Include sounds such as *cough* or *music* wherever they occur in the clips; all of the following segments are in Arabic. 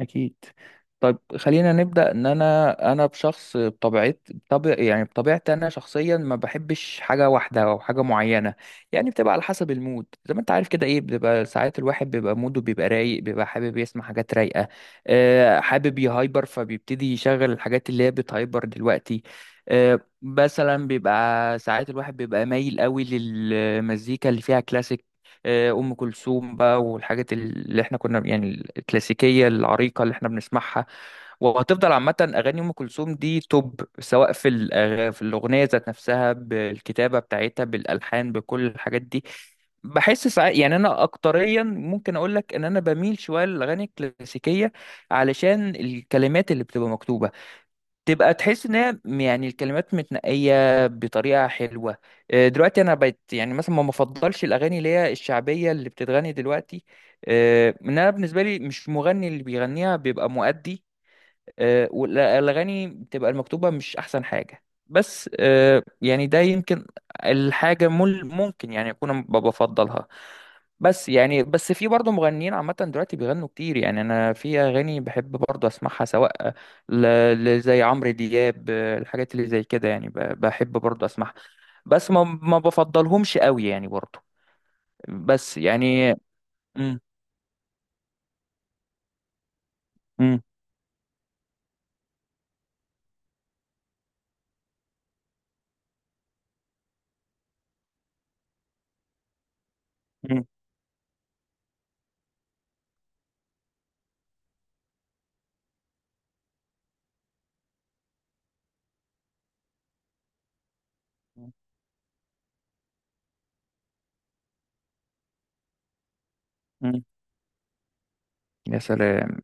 أكيد. طيب، خلينا نبدأ إن أنا أنا بشخص بطبيعت بطبيع يعني بطبيعتي أنا شخصيا ما بحبش حاجة واحدة أو حاجة معينة. يعني بتبقى على حسب المود، زي ما أنت عارف كده، إيه، بتبقى ساعات الواحد بيبقى موده بيبقى رايق بيبقى حابب يسمع حاجات رايقة. حابب يهايبر فبيبتدي يشغل الحاجات اللي هي بتهايبر دلوقتي. مثلا بيبقى ساعات الواحد بيبقى مايل قوي للمزيكا اللي فيها كلاسيك. ام كلثوم بقى والحاجات اللي احنا كنا يعني الكلاسيكيه العريقه اللي احنا بنسمعها. وهتفضل عامه اغاني ام كلثوم دي توب، سواء في الاغنيه ذات نفسها، بالكتابه بتاعتها، بالالحان، بكل الحاجات دي. بحس ساعات يعني انا اكتريا ممكن اقول لك ان انا بميل شويه للاغاني الكلاسيكيه، علشان الكلمات اللي بتبقى مكتوبه، تبقى تحس ان هي يعني الكلمات متنقيه بطريقه حلوه. دلوقتي انا بقيت يعني مثلا ما مفضلش الاغاني اللي هي الشعبيه اللي بتتغني دلوقتي. ان انا بالنسبه لي مش مغني، اللي بيغنيها بيبقى مؤدي. والاغاني بتبقى المكتوبه مش احسن حاجه. بس يعني ده يمكن الحاجه ممكن يعني اكون أنا بفضلها. بس في برضه مغنيين عامه دلوقتي بيغنوا كتير، يعني انا في اغاني بحب برضه اسمعها، سواء زي عمرو دياب، الحاجات اللي زي كده، يعني بحب برضه اسمعها. بس ما بفضلهمش قوي يعني برضه. بس يعني. مم. مم. مم. مم. يا سلام.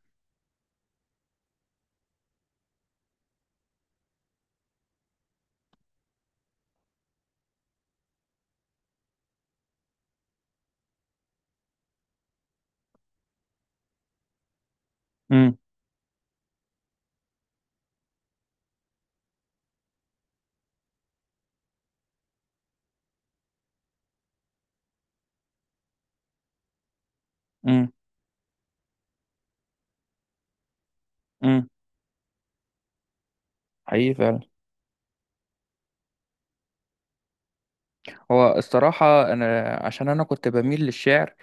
مم. مم. مم. حقيقي فعلا. هو الصراحة أنا عشان أنا كنت بميل للشعر،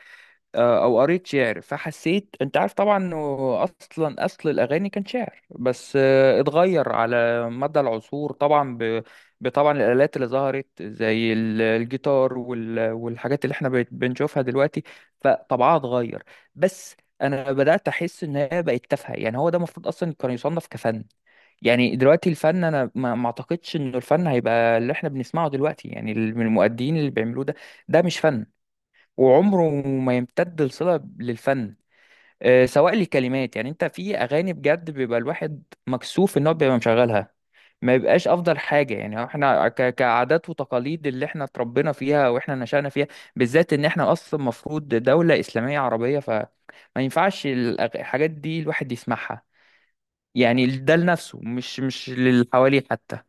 أو قريت شعر، فحسيت، أنت عارف طبعا، إنه أصلا أصل الأغاني كان شعر، بس اتغير على مدى العصور طبعا بطبعا الآلات اللي ظهرت زي الجيتار والحاجات اللي إحنا بقت بنشوفها دلوقتي، فطبعها اتغير. بس أنا بدأت أحس إن هي بقت تافهة، يعني هو ده المفروض أصلا كان يصنف كفن. يعني دلوقتي الفن، انا ما اعتقدش انه الفن هيبقى اللي احنا بنسمعه دلوقتي، يعني من المؤدين اللي بيعملوه ده. ده مش فن، وعمره ما يمتد الصلة للفن. سواء لكلمات، يعني انت في اغاني بجد بيبقى الواحد مكسوف ان هو بيبقى مشغلها. ما يبقاش افضل حاجة، يعني احنا كعادات وتقاليد اللي احنا اتربينا فيها واحنا نشأنا فيها، بالذات ان احنا اصلا مفروض دولة اسلامية عربية، فما ينفعش الحاجات دي الواحد يسمعها. يعني ده لنفسه، مش للي حواليه حتى.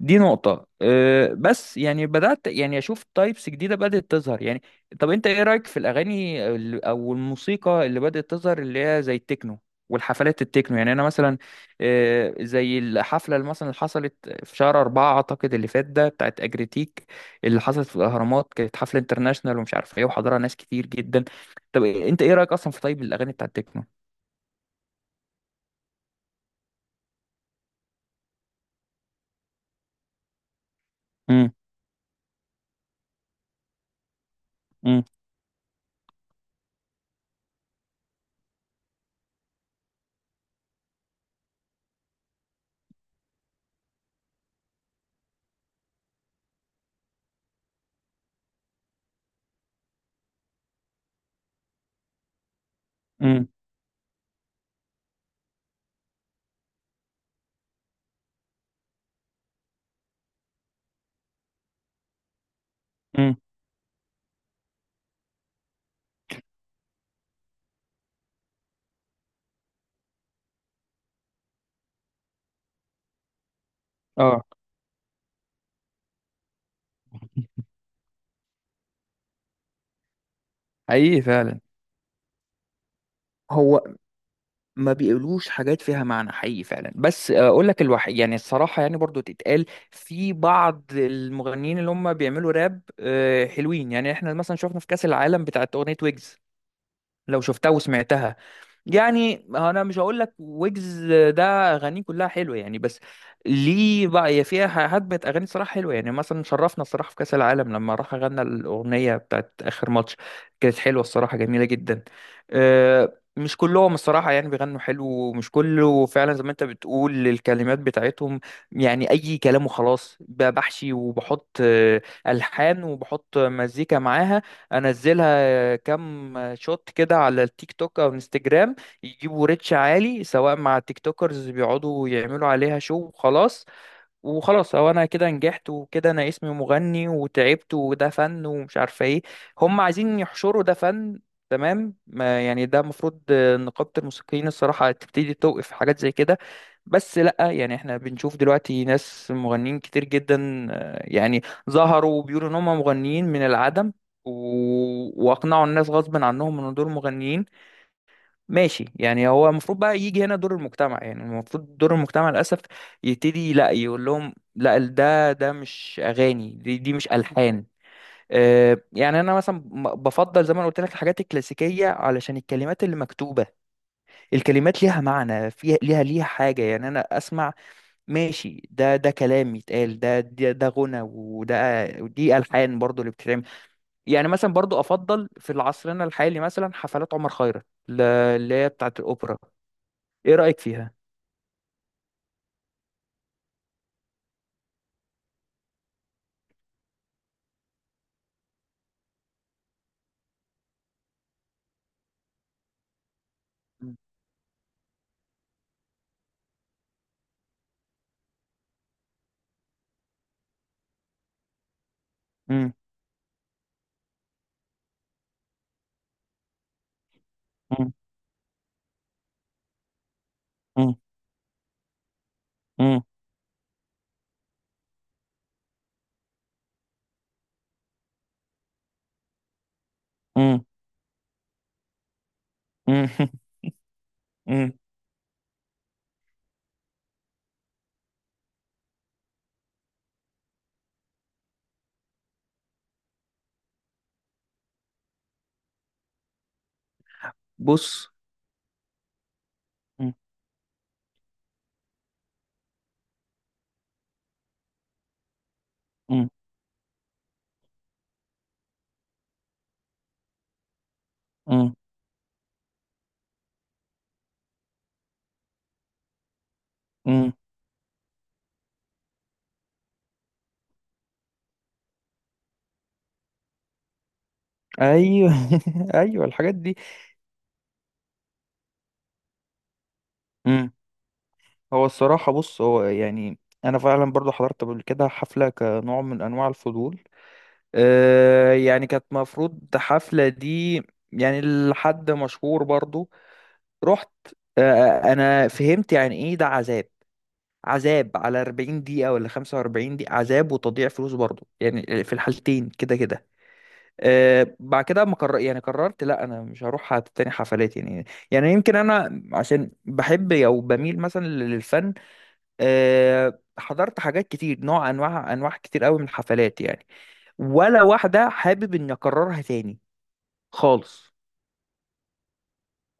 دي نقطة. بس يعني بدأت يعني أشوف تايبس جديدة بدأت تظهر. يعني طب أنت إيه رأيك في الأغاني أو الموسيقى اللي بدأت تظهر اللي هي زي التكنو والحفلات التكنو؟ يعني أنا مثلا، زي الحفلة اللي مثلا حصلت في شهر 4 أعتقد اللي فات ده، بتاعت أجريتيك، اللي حصلت في الأهرامات، كانت حفلة انترناشونال ومش عارف إيه، وحضرها ناس كتير جدا. طب أنت إيه رأيك أصلا في، طيب، الأغاني بتاعت التكنو؟ امم. امم. امم. امم. اه، حقيقي فعلا. هو ما بيقولوش حاجات فيها معنى، حقيقي فعلا، بس اقول لك الوحيد يعني، الصراحه يعني برضو تتقال، في بعض المغنيين اللي هم بيعملوا راب حلوين. يعني احنا مثلا شفنا في كاس العالم بتاعت اغنيه ويجز. لو شفتها وسمعتها، يعني انا مش هقول لك ويجز ده اغانيه كلها حلوه يعني، بس ليه بقى هي فيها هدمة اغاني صراحه حلوه. يعني مثلا شرفنا الصراحه في كاس العالم، لما راح غنى الاغنيه بتاعت اخر ماتش، كانت حلوه الصراحه، جميله جدا. مش كلهم الصراحه يعني بيغنوا حلو، ومش كله فعلا زي ما انت بتقول، الكلمات بتاعتهم يعني اي كلام وخلاص، بحشي وبحط الحان وبحط مزيكا معاها، انزلها كام شوت كده على التيك توك او انستجرام، يجيبوا ريتش عالي سواء مع التيك توكرز اللي بيقعدوا يعملوا عليها شو وخلاص، وخلاص، هو انا كده نجحت، وكده انا اسمي مغني، وتعبت، وده فن، ومش عارفه ايه. هم عايزين يحشروا ده فن، تمام؟ ما يعني ده المفروض نقابة الموسيقيين الصراحة تبتدي توقف في حاجات زي كده. بس لأ، يعني احنا بنشوف دلوقتي ناس مغنيين كتير جدا يعني ظهروا وبيقولوا ان هم مغنيين من العدم، و... واقنعوا الناس غصب عنهم ان دول مغنيين. ماشي، يعني هو المفروض بقى يجي هنا دور المجتمع، يعني المفروض دور المجتمع للأسف يبتدي لا، يقول لهم لا ده مش أغاني، دي مش ألحان. يعني أنا مثلا بفضل، زي ما أنا قلت لك، الحاجات الكلاسيكية، علشان الكلمات اللي مكتوبة، الكلمات ليها معنى، فيها ليها حاجة. يعني أنا أسمع ماشي، ده كلام يتقال، ده غنى، وده ودي ألحان برضو اللي بتتعمل. يعني مثلا برضو أفضل في العصر الحالي مثلا حفلات عمر خيرت اللي هي بتاعت الأوبرا. ايه رأيك فيها؟ مم. مم. مم. مم. مم. مم. مم. *laughs* بص. مم. مم. مم. مم. ايوه. *laughs* ايوه، الحاجات دي. مم. هو الصراحه، بص، هو يعني انا فعلا برضو حضرت قبل كده حفله كنوع من انواع الفضول، يعني كانت مفروض حفله دي يعني لحد مشهور برضو. رحت، انا فهمت يعني ايه ده. عذاب، عذاب على 40 دقيقة ولا 45 دقيقة، عذاب وتضييع فلوس برضه يعني، في الحالتين كده كده. بعد كده ما قرر يعني قررت لا انا مش هروح تاني حفلات يعني. يعني يمكن انا عشان بحب او بميل مثلا للفن، حضرت حاجات كتير، نوع انواع انواع كتير قوي من الحفلات يعني. ولا واحدة حابب اني اكررها تاني خالص.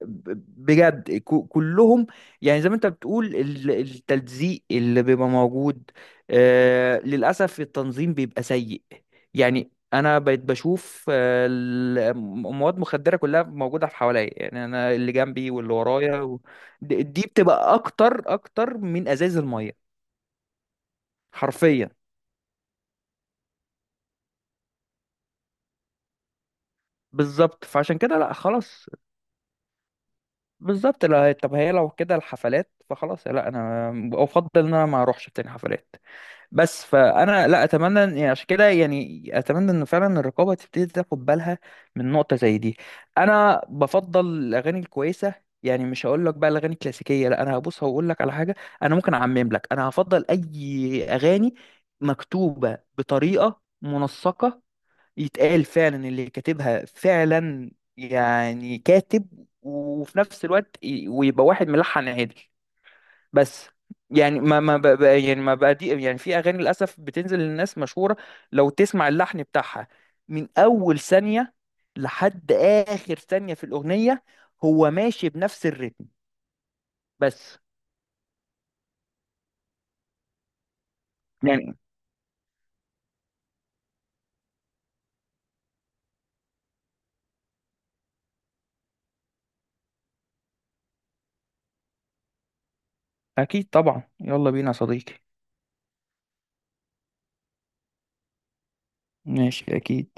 بجد كلهم. يعني زي ما انت بتقول، التلزيق اللي بيبقى موجود، للأسف التنظيم بيبقى سيء. يعني انا بقيت بشوف مواد مخدرة كلها موجودة في حواليا، يعني انا اللي جنبي واللي ورايا دي بتبقى اكتر اكتر من ازايز المية حرفيا. بالظبط، فعشان كده لا، خلاص. بالظبط لا، طب هي لو كده الحفلات فخلاص، لا، انا افضل ان انا ما اروحش تاني حفلات بس. فانا لا اتمنى يعني عشان كده يعني اتمنى ان فعلا الرقابه تبتدي تاخد بالها من نقطه زي دي. انا بفضل الاغاني الكويسه، يعني مش هقول لك بقى الاغاني الكلاسيكيه لا، انا هبص هقول لك على حاجه، انا ممكن اعمم لك، انا هفضل اي اغاني مكتوبه بطريقه منسقه، يتقال فعلا اللي كاتبها فعلا يعني كاتب، وفي نفس الوقت ويبقى واحد ملحن عادي. بس يعني ما يعني ما بقى دي، يعني في اغاني للاسف بتنزل للناس مشهوره، لو تسمع اللحن بتاعها من اول ثانيه لحد اخر ثانيه في الاغنيه هو ماشي بنفس الريتم. بس يعني. اكيد طبعا، يلا بينا يا صديقي. ماشي أكيد.